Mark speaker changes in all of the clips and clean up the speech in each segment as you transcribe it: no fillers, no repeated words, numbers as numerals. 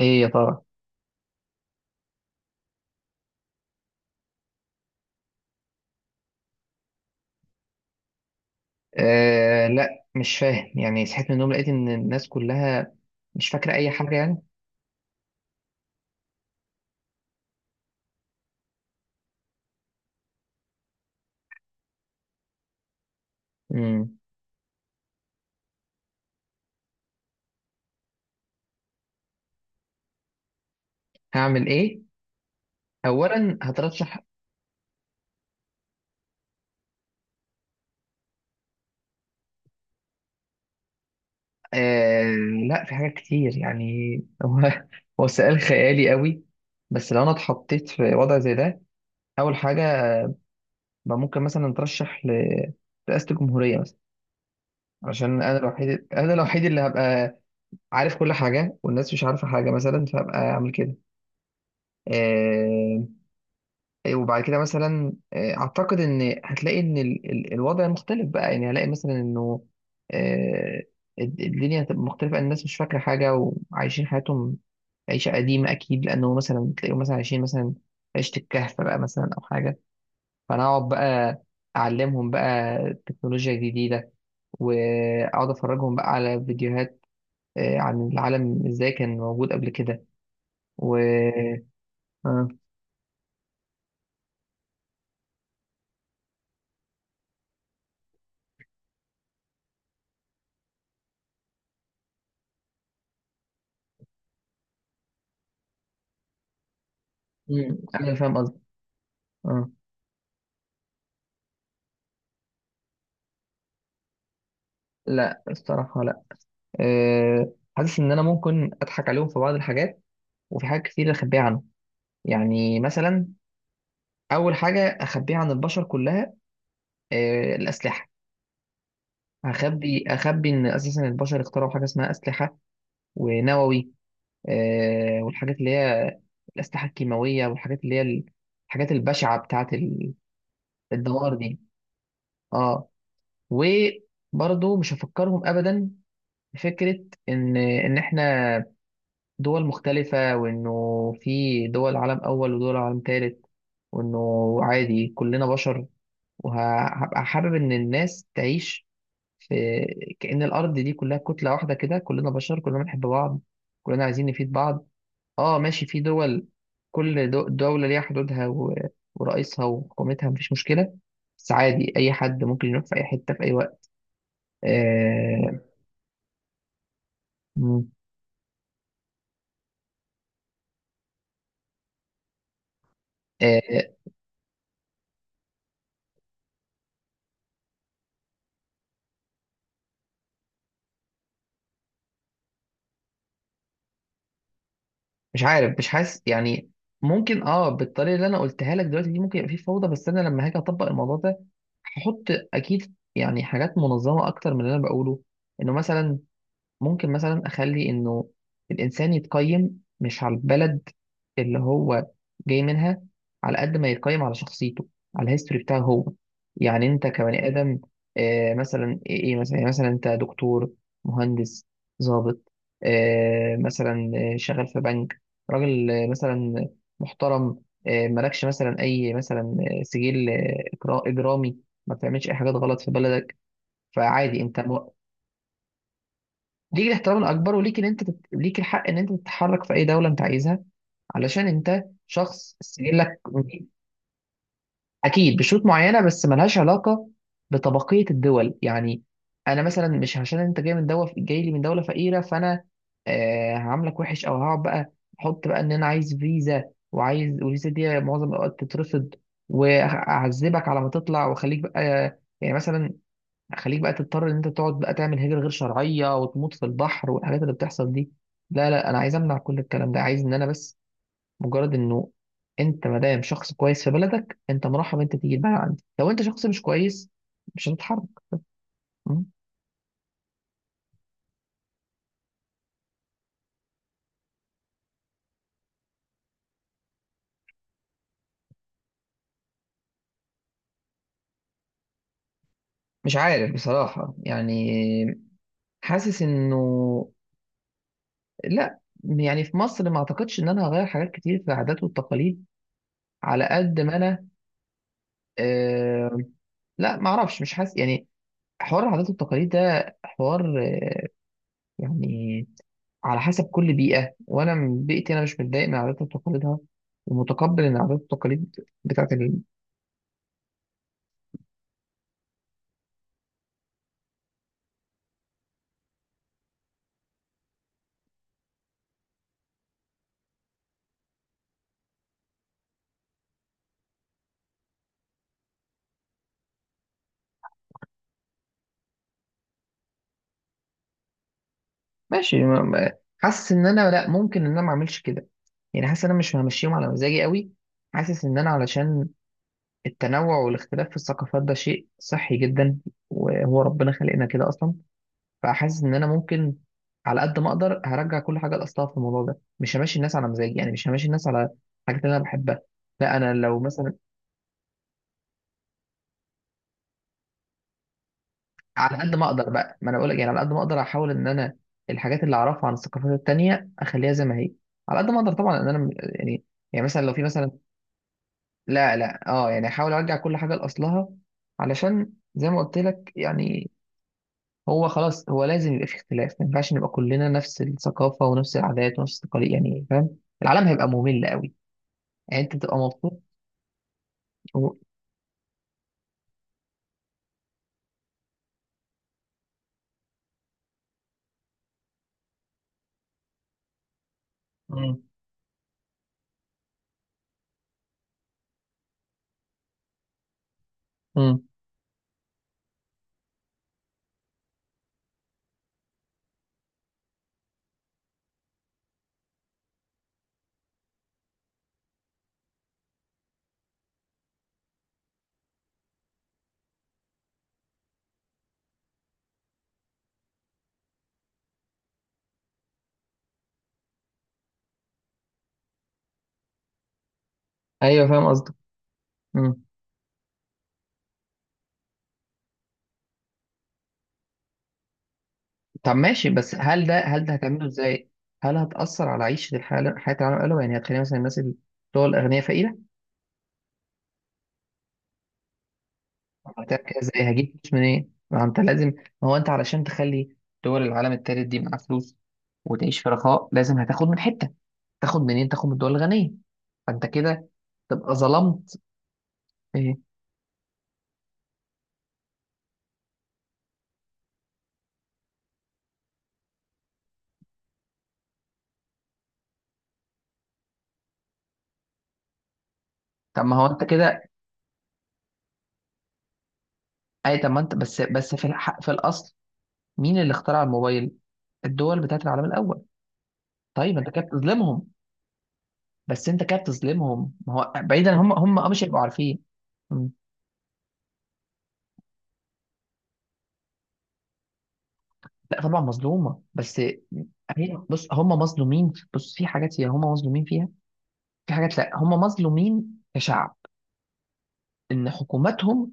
Speaker 1: ايه يا ترى؟ لا مش فاهم، يعني صحيت من النوم لقيت ان الناس كلها مش فاكره اي حاجه يعني. امم هعمل ايه؟ اولا هترشح. آه لا، في حاجات كتير يعني. هو هو سؤال خيالي قوي، بس لو انا اتحطيت في وضع زي ده، اول حاجه بقى ممكن مثلا اترشح رئاسه الجمهوريه مثلا، عشان انا الوحيد، انا الوحيد اللي هبقى عارف كل حاجه والناس مش عارفه حاجه، مثلا فهبقى اعمل كده. آه، إيه، وبعد كده مثلا اعتقد ان هتلاقي ان الوضع مختلف بقى. يعني هلاقي مثلا انه آه، الدنيا هتبقى مختلفة، الناس مش فاكرة حاجة وعايشين حياتهم عيشة قديمة أكيد، لأنه مثلا تلاقيهم مثلا عايشين مثلا عيشة الكهف بقى مثلا أو حاجة. فأنا أقعد بقى أعلمهم بقى تكنولوجيا جديدة، وأقعد أفرجهم بقى على فيديوهات عن العالم إزاي كان موجود قبل كده. و آه، أنا فاهم قصدي. آه، لا، الصراحة لا. حاسس ان انا ممكن اضحك عليهم في بعض الحاجات، وفي حاجات كتير اخبيها عنهم. يعني مثلا اول حاجه اخبيها عن البشر كلها الاسلحه. اخبي ان اساسا البشر اخترعوا حاجه اسمها اسلحه ونووي والحاجات اللي هي الاسلحه الكيماويه والحاجات اللي هي الحاجات البشعه بتاعه الدمار دي. اه، وبرضه مش هفكرهم ابدا بفكره ان احنا دول مختلفة، وإنه في دول عالم أول ودول عالم تالت، وإنه عادي كلنا بشر. وهبقى حابب إن الناس تعيش في كأن الأرض دي كلها كتلة واحدة، كده كلنا بشر كلنا بنحب بعض، كلنا عايزين نفيد بعض. آه ماشي، في دول، كل دولة ليها حدودها ورئيسها وحكومتها، مفيش مشكلة، بس عادي أي حد ممكن يروح في أي حتة في أي وقت. آه. مم. مش عارف، مش حاسس يعني. ممكن اه، بالطريقه اللي انا قلتها لك دلوقتي دي ممكن يبقى في فوضى، بس انا لما هاجي اطبق الموضوع ده هحط اكيد يعني حاجات منظمه اكتر من اللي انا بقوله. انه مثلا ممكن مثلا اخلي انه الانسان يتقيم مش على البلد اللي هو جاي منها، على قد ما يتقيم على شخصيته، على الهيستوري بتاعه هو. يعني انت كبني ادم مثلا ايه، إيه مثلا، يعني مثلا انت دكتور، مهندس، ضابط، مثلا شغال في بنك، راجل مثلا محترم، مالكش مثلا اي مثلا سجل اجرامي، ما بتعملش اي حاجات غلط في بلدك، فعادي انت ليك الاحترام الاكبر، وليك ان انت ليك الحق ان انت تتحرك في اي دوله انت عايزها، علشان انت شخص سجلك نظيف. اكيد بشروط معينه، بس ملهاش علاقه بطبقيه الدول يعني. انا مثلا مش عشان انت جاي من دوله، جاي لي من دوله فقيره، فانا هعاملك وحش او هقعد بقى احط بقى ان انا عايز فيزا وعايز، والفيزا دي معظم الاوقات تترفض، واعذبك على ما تطلع واخليك بقى، يعني مثلا خليك بقى تضطر ان انت تقعد بقى تعمل هجرة غير شرعية وتموت في البحر والحاجات اللي بتحصل دي. لا لا، انا عايز امنع كل الكلام ده، عايز ان انا بس مجرد انه انت ما دام شخص كويس في بلدك، انت مرحب انت تيجي البلد عندي، لو انت شخص مش كويس مش هتتحرك. م؟ مش عارف بصراحة يعني. حاسس انه لا، يعني في مصر ما اعتقدش ان انا هغير حاجات كتير في العادات والتقاليد، على قد ما انا آه. لا ما اعرفش، مش حاسس يعني. حوار العادات والتقاليد ده حوار يعني على حسب كل بيئة، وأنا من بيئتي أنا مش متضايق من عاداتها وتقاليدها، ومتقبل إن العادات والتقاليد بتاعت ماشي حاسس إن أنا لأ، ممكن إن أنا ما أعملش كده، يعني حاسس إن أنا مش همشيهم على مزاجي قوي. حاسس إن أنا علشان التنوع والاختلاف في الثقافات ده شيء صحي جدا، وهو ربنا خلقنا كده أصلا. فحاسس إن أنا ممكن على قد ما أقدر هرجع كل حاجة لأصلها في الموضوع ده، مش همشي الناس على مزاجي، يعني مش همشي الناس على الحاجات اللي أنا بحبها. لا أنا لو مثلا على قد ما اقدر بقى، ما انا بقول لك يعني، على قد ما اقدر احاول ان انا الحاجات اللي اعرفها عن الثقافات التانية اخليها زي ما هي، على قد ما اقدر طبعا، ان انا يعني. يعني مثلا لو في مثلا، لا لا اه، يعني احاول ارجع كل حاجة لاصلها، علشان زي ما قلت لك يعني، هو خلاص هو لازم يبقى في اختلاف، ما ينفعش نبقى كلنا نفس الثقافة ونفس العادات ونفس التقاليد يعني، فاهم، العالم هيبقى ممل قوي. يعني انت تبقى مبسوط و... مم. مم. ايوه فاهم قصدك. مم. طب ماشي، بس هل ده، هل ده هتعمله ازاي؟ هل هتأثر على عيشة الحالة حياة العالم الأول، يعني هتخلي مثلا الناس اللي هو الأغنياء فقيرة؟ طب هتعمل كده ازاي؟ هجيب فلوس منين؟ ما أنت لازم، ما هو أنت علشان تخلي دول العالم التالت دي معاها فلوس وتعيش في رخاء، لازم هتاخد من حتة، تاخد منين؟ تاخد من الدول الغنية، فأنت كده تبقى ظلمت. إيه؟ طب ما هو أنت كده، أي طب ما أنت بس بس في الحق في الأصل، مين اللي اخترع الموبايل؟ الدول بتاعت العالم الأول. طيب أنت كده بتظلمهم، بس انت كده بتظلمهم، ما هو بعيدا هم هم اه مش هيبقوا عارفين. مم. لا طبعا مظلومه، بس هي بص، هم مظلومين، بص في حاجات هي هم مظلومين فيها، في حاجات لا. هم مظلومين كشعب ان حكوماتهم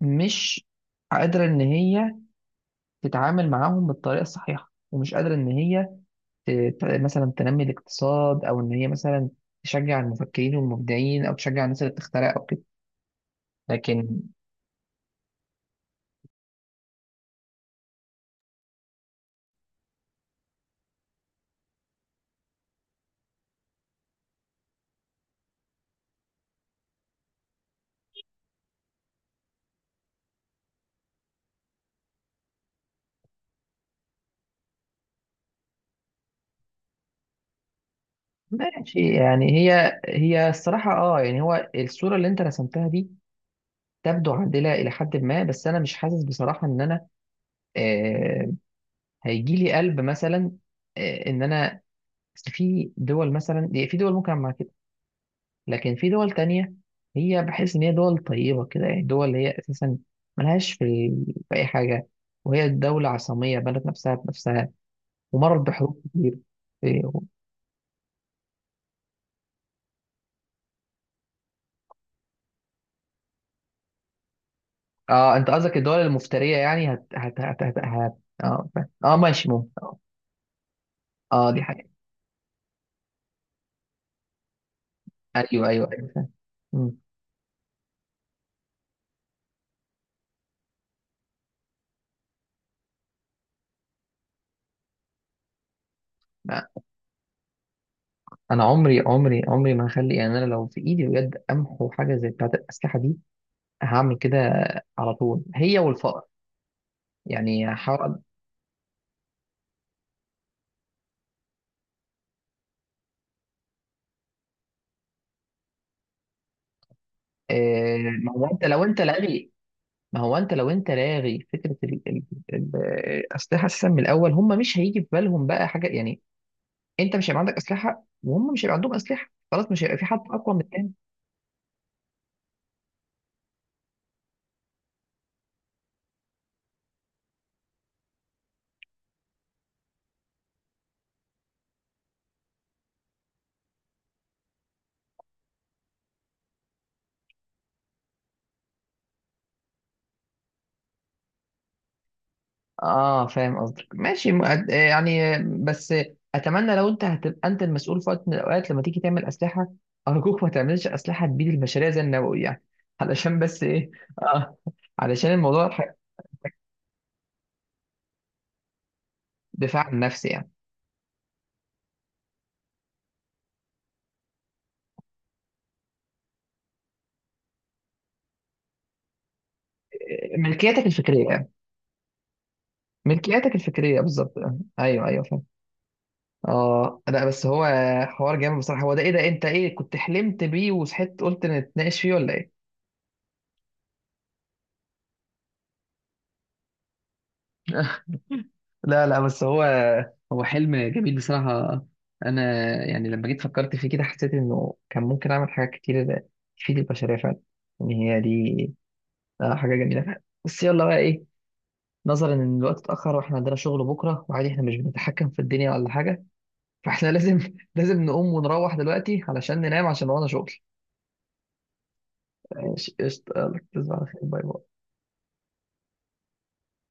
Speaker 1: مش قادره ان هي تتعامل معاهم بالطريقه الصحيحه، ومش قادره ان هي ت- مثلا تنمي الاقتصاد، او ان هي مثلا تشجع المفكرين والمبدعين او تشجع الناس اللي بتخترع او كده. لكن ماشي، يعني هي هي الصراحة اه، يعني هو الصورة اللي انت رسمتها دي تبدو عادلة إلى حد ما، بس أنا مش حاسس بصراحة إن أنا آه هيجي لي قلب مثلا إن أنا، أصل في دول مثلا، في دول ممكن أعمل معاها كده، لكن في دول تانية هي بحس إن هي دول طيبة كده، يعني دول اللي هي أساسا ملهاش في، في أي حاجة، وهي دولة عصامية بنت نفسها بنفسها ومرت بحروب كتير. آه، اه انت قصدك الدول المفترية يعني اه فاهم. اه ماشي، ممكن اه دي حاجة. ايوه ايوه ايوه فاهم. مم. لا، انا عمري عمري ما هخلي، يعني انا لو في ايدي بجد امحو حاجة زي بتاعة الأسلحة دي هعمل كده على طول، هي والفقر، يعني هحاول آه. ما هو انت لو انت لاغي، ما هو انت لو انت لاغي فكرة ال- الأسلحة اساسا من الأول، هم مش هيجي في بالهم بقى حاجة يعني. انت مش هيبقى عندك أسلحة وهم مش هيبقى عندهم أسلحة، خلاص مش هيبقى في حد أقوى من التاني. اه فاهم قصدك، ماشي يعني، بس اتمنى لو انت هتبقى انت المسؤول في وقت من الاوقات، لما تيجي تعمل اسلحه ارجوك ما تعملش اسلحه تبيد البشريه زي النووي يعني. علشان بس ايه آه علشان الموضوع دفاع عن النفس يعني. ملكياتك الفكريه ملكياتك الفكريه بالظبط آه. ايوه ايوه فاهم. اه لا بس هو حوار جامد بصراحه، هو ده ايه، ده انت ايه كنت حلمت بيه وصحيت قلت نتناقش فيه ولا ايه؟ لا لا بس هو، هو حلم جميل بصراحة. أنا يعني لما جيت فكرت فيه كده حسيت إنه كان ممكن أعمل حاجات كتير تفيد البشرية فعلا، إن هي دي حاجة جميلة فعلا. بس يلا بقى إيه، نظرا إن الوقت اتأخر وإحنا عندنا شغل بكرة، وعادي إحنا مش بنتحكم في الدنيا ولا حاجة، فإحنا لازم لازم نقوم ونروح دلوقتي علشان ننام عشان ورانا شغل. ماشي قشطة، يلا تصبح على خير، باي باي.